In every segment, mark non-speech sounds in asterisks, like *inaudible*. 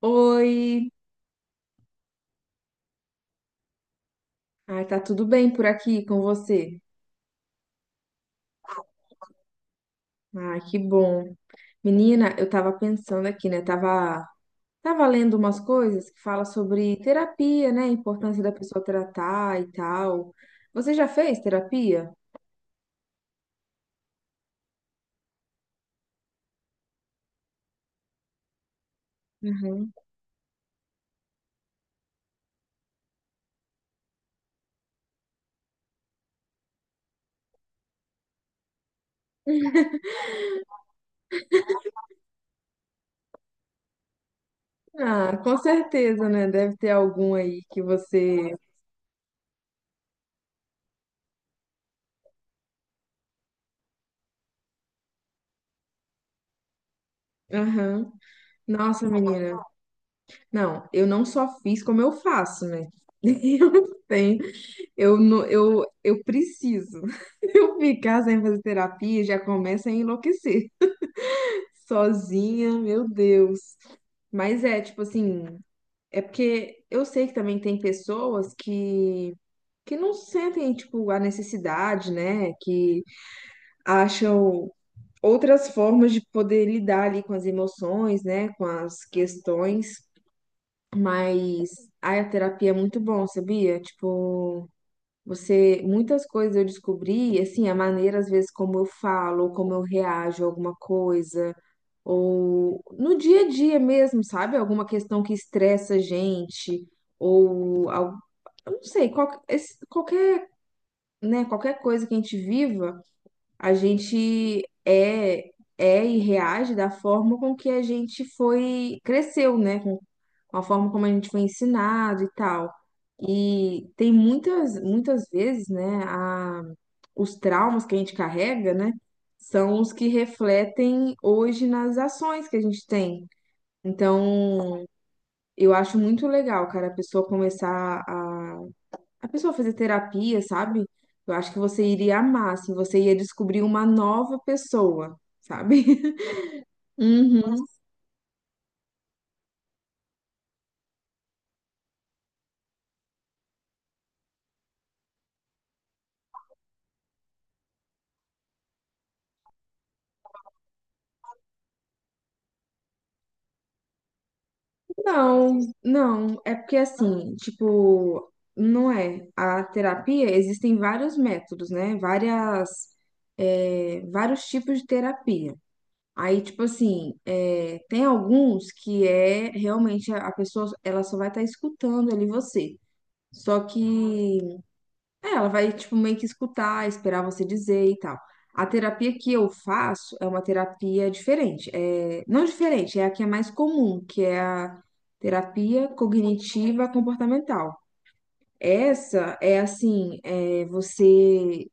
Oi, tá tudo bem por aqui com você? Ah, que bom. Menina, eu tava pensando aqui, né? Tava lendo umas coisas que fala sobre terapia, né? A importância da pessoa tratar e tal. Você já fez terapia? Uhum. Ah, com certeza, né? Deve ter algum aí que você. Aham. Nossa, menina. Não, eu não só fiz como eu faço, né? *laughs* Eu tenho Eu, não- eu preciso. *laughs* Eu ficar sem fazer terapia já começa a enlouquecer. Sozinha, meu Deus. Mas é, tipo assim, é porque eu sei que também tem pessoas que não sentem, tipo, a necessidade, né? Que acham outras formas de poder lidar ali com as emoções, né? Com as questões. Mas ai, a terapia é muito bom, sabia? Tipo. Você, muitas coisas eu descobri, assim, a maneira, às vezes, como eu falo, ou como eu reajo a alguma coisa, ou no dia a dia mesmo, sabe? Alguma questão que estressa a gente, ou, al- eu não sei, qualquer, né, qualquer coisa que a gente viva a gente reage da forma com que a gente foi cresceu, né? Com a forma como a gente foi ensinado e tal. E tem muitas muitas vezes, né, a, os traumas que a gente carrega, né, são os que refletem hoje nas ações que a gente tem. Então, eu acho muito legal, cara, a pessoa fazer terapia, sabe? Eu acho que você iria amar, assim, você ia descobrir uma nova pessoa, sabe? *laughs* Uhum. não, não, é porque assim, tipo, não é. A terapia, existem vários métodos, né? Várias, é, vários tipos de terapia. Aí, tipo assim, é, tem alguns que é realmente a pessoa, ela só vai estar escutando ali você. Só que é, ela vai, tipo, meio que escutar, esperar você dizer e tal. A terapia que eu faço é uma terapia diferente. É, não diferente, é a que é mais comum, que é a terapia cognitiva comportamental. Essa é assim, é, você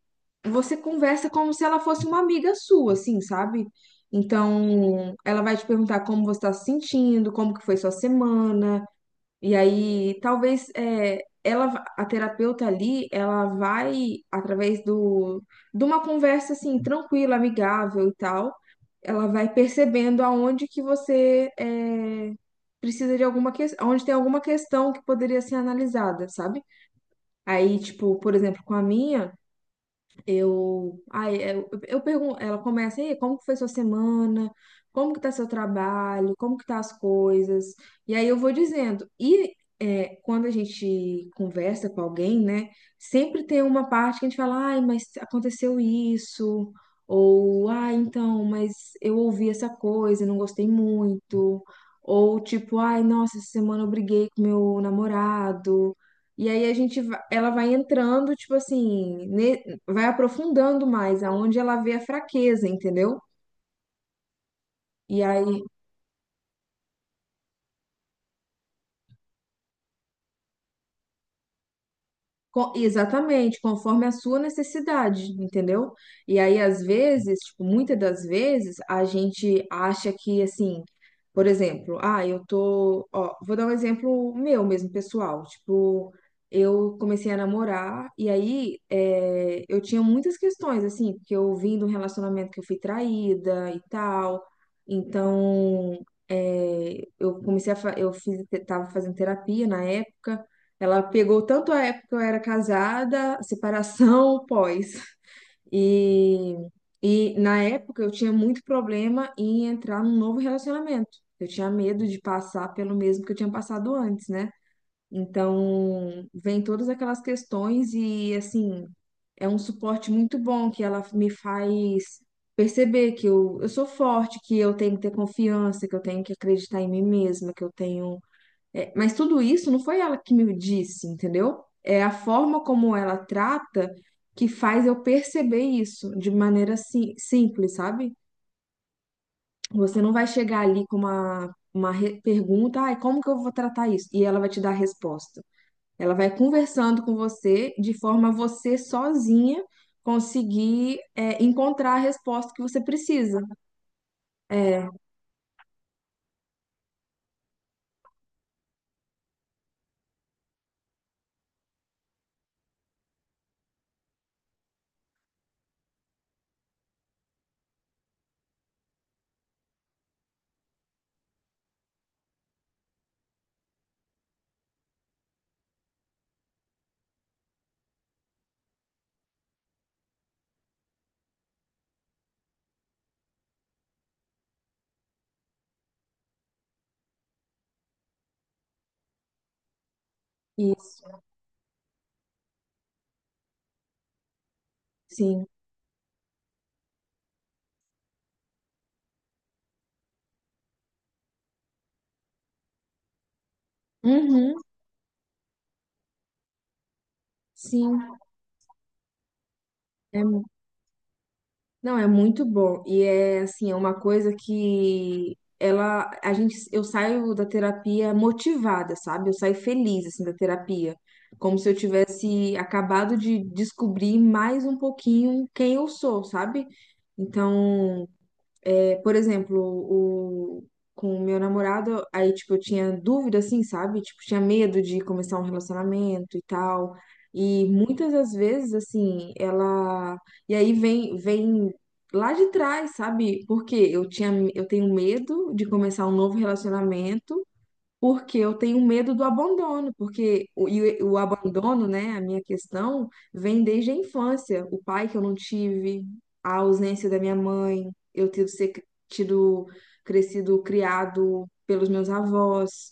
você conversa como se ela fosse uma amiga sua, assim, sabe? Então, ela vai te perguntar como você está se sentindo, como que foi sua semana, e aí, talvez é, a terapeuta ali, ela vai através do, de uma conversa assim tranquila, amigável e tal, ela vai percebendo aonde que você é, precisa de alguma questão, onde tem alguma questão que poderia ser analisada, sabe? Aí, tipo, por exemplo, com a minha eu pergunto, ela começa, e aí, como que foi sua semana? Como que tá seu trabalho? Como que tá as coisas? E aí eu vou dizendo. E é, quando a gente conversa com alguém, né, sempre tem uma parte que a gente fala, ai, mas aconteceu isso, ou, ah, então, mas eu ouvi essa coisa, e não gostei muito, ou tipo, ai, nossa, essa semana eu briguei com meu namorado. E aí ela vai entrando, tipo assim, vai aprofundando mais, aonde ela vê a fraqueza, entendeu? E aí exatamente, conforme a sua necessidade, entendeu? E aí, às vezes, tipo, muitas das vezes, a gente acha que, assim, por exemplo, ah, eu tô, ó, vou dar um exemplo meu mesmo, pessoal. Tipo, eu comecei a namorar e aí é, eu tinha muitas questões, assim, porque eu vim de um relacionamento que eu fui traída e tal, então, é, eu comecei a, fa- eu fiz, tava fazendo terapia na época, ela pegou tanto a época que eu era casada, separação, pós. E, e na época eu tinha muito problema em entrar num novo relacionamento. Eu tinha medo de passar pelo mesmo que eu tinha passado antes, né? Então, vem todas aquelas questões e, assim, é um suporte muito bom que ela me faz perceber que eu sou forte, que eu tenho que ter confiança, que eu tenho que acreditar em mim mesma, que eu tenho é, mas tudo isso não foi ela que me disse, entendeu? É a forma como ela trata que faz eu perceber isso de maneira simples, sabe? Você não vai chegar ali com pergunta, ai, como que eu vou tratar isso? E ela vai te dar a resposta. Ela vai conversando com você de forma a você sozinha conseguir é, encontrar a resposta que você precisa. É, isso, sim. Uhum, sim. É não, é muito bom. E é assim, é uma coisa que eu saio da terapia motivada, sabe? Eu saio feliz assim da terapia, como se eu tivesse acabado de descobrir mais um pouquinho quem eu sou, sabe? Então, é, por exemplo, o, com o meu namorado, aí, tipo, eu tinha dúvida, assim, sabe? Tipo, tinha medo de começar um relacionamento e tal. E muitas das vezes, assim, ela. E aí vem lá de trás, sabe? Porque eu tinha, eu tenho medo de começar um novo relacionamento. Porque eu tenho medo do abandono, e o abandono, né, a minha questão, vem desde a infância. O pai que eu não tive, a ausência da minha mãe, eu ter ser cri- tido, crescido, criado pelos meus avós,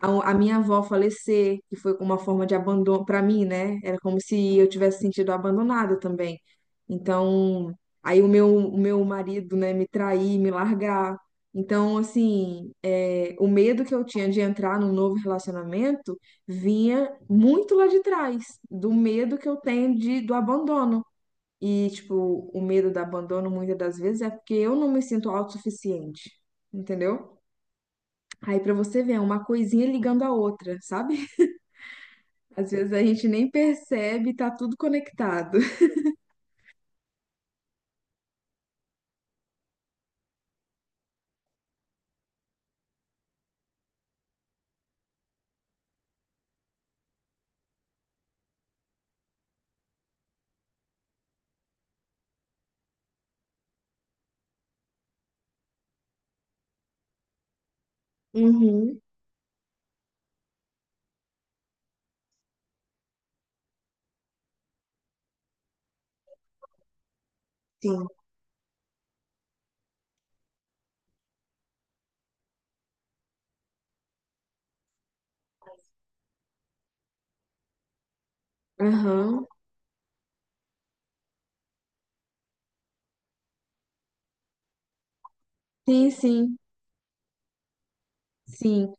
a minha avó falecer, que foi uma forma de abandono para mim, né? Era como se eu tivesse sentido abandonada também. Então, aí o meu marido, né, me trair, me largar. Então, assim, é, o medo que eu tinha de entrar num novo relacionamento vinha muito lá de trás, do medo que eu tenho de, do abandono. E, tipo, o medo do abandono, muitas das vezes, é porque eu não me sinto autossuficiente, entendeu? Aí, pra você ver, é uma coisinha ligando a outra, sabe? *laughs* Às vezes a gente nem percebe, tá tudo conectado. Uhum, sim. Aham. Sim, sim, sim.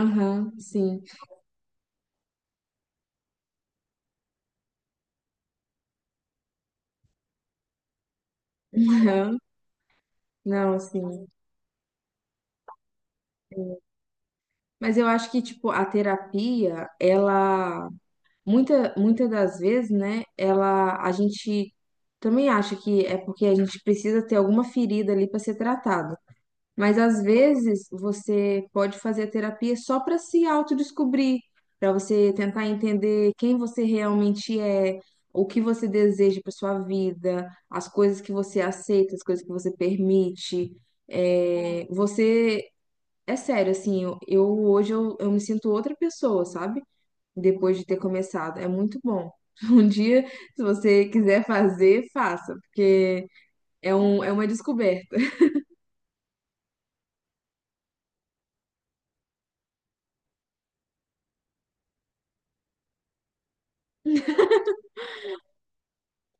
Aham, sim. *laughs* Aham. Não, sim. Mas eu acho que, tipo, muitas das vezes, né, a gente também acha que é porque a gente precisa ter alguma ferida ali para ser tratada. Mas às vezes você pode fazer a terapia só para se autodescobrir, para você tentar entender quem você realmente é, o que você deseja para sua vida, as coisas que você aceita, as coisas que você permite. É, você é sério, assim, hoje eu me sinto outra pessoa, sabe? Depois de ter começado. É muito bom. *laughs* Um dia, se você quiser fazer, faça, porque é, um, é uma descoberta.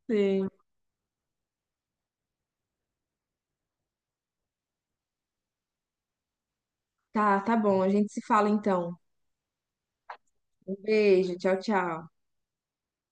Sim. Tá, tá bom. A gente se fala então. Um beijo, tchau, tchau.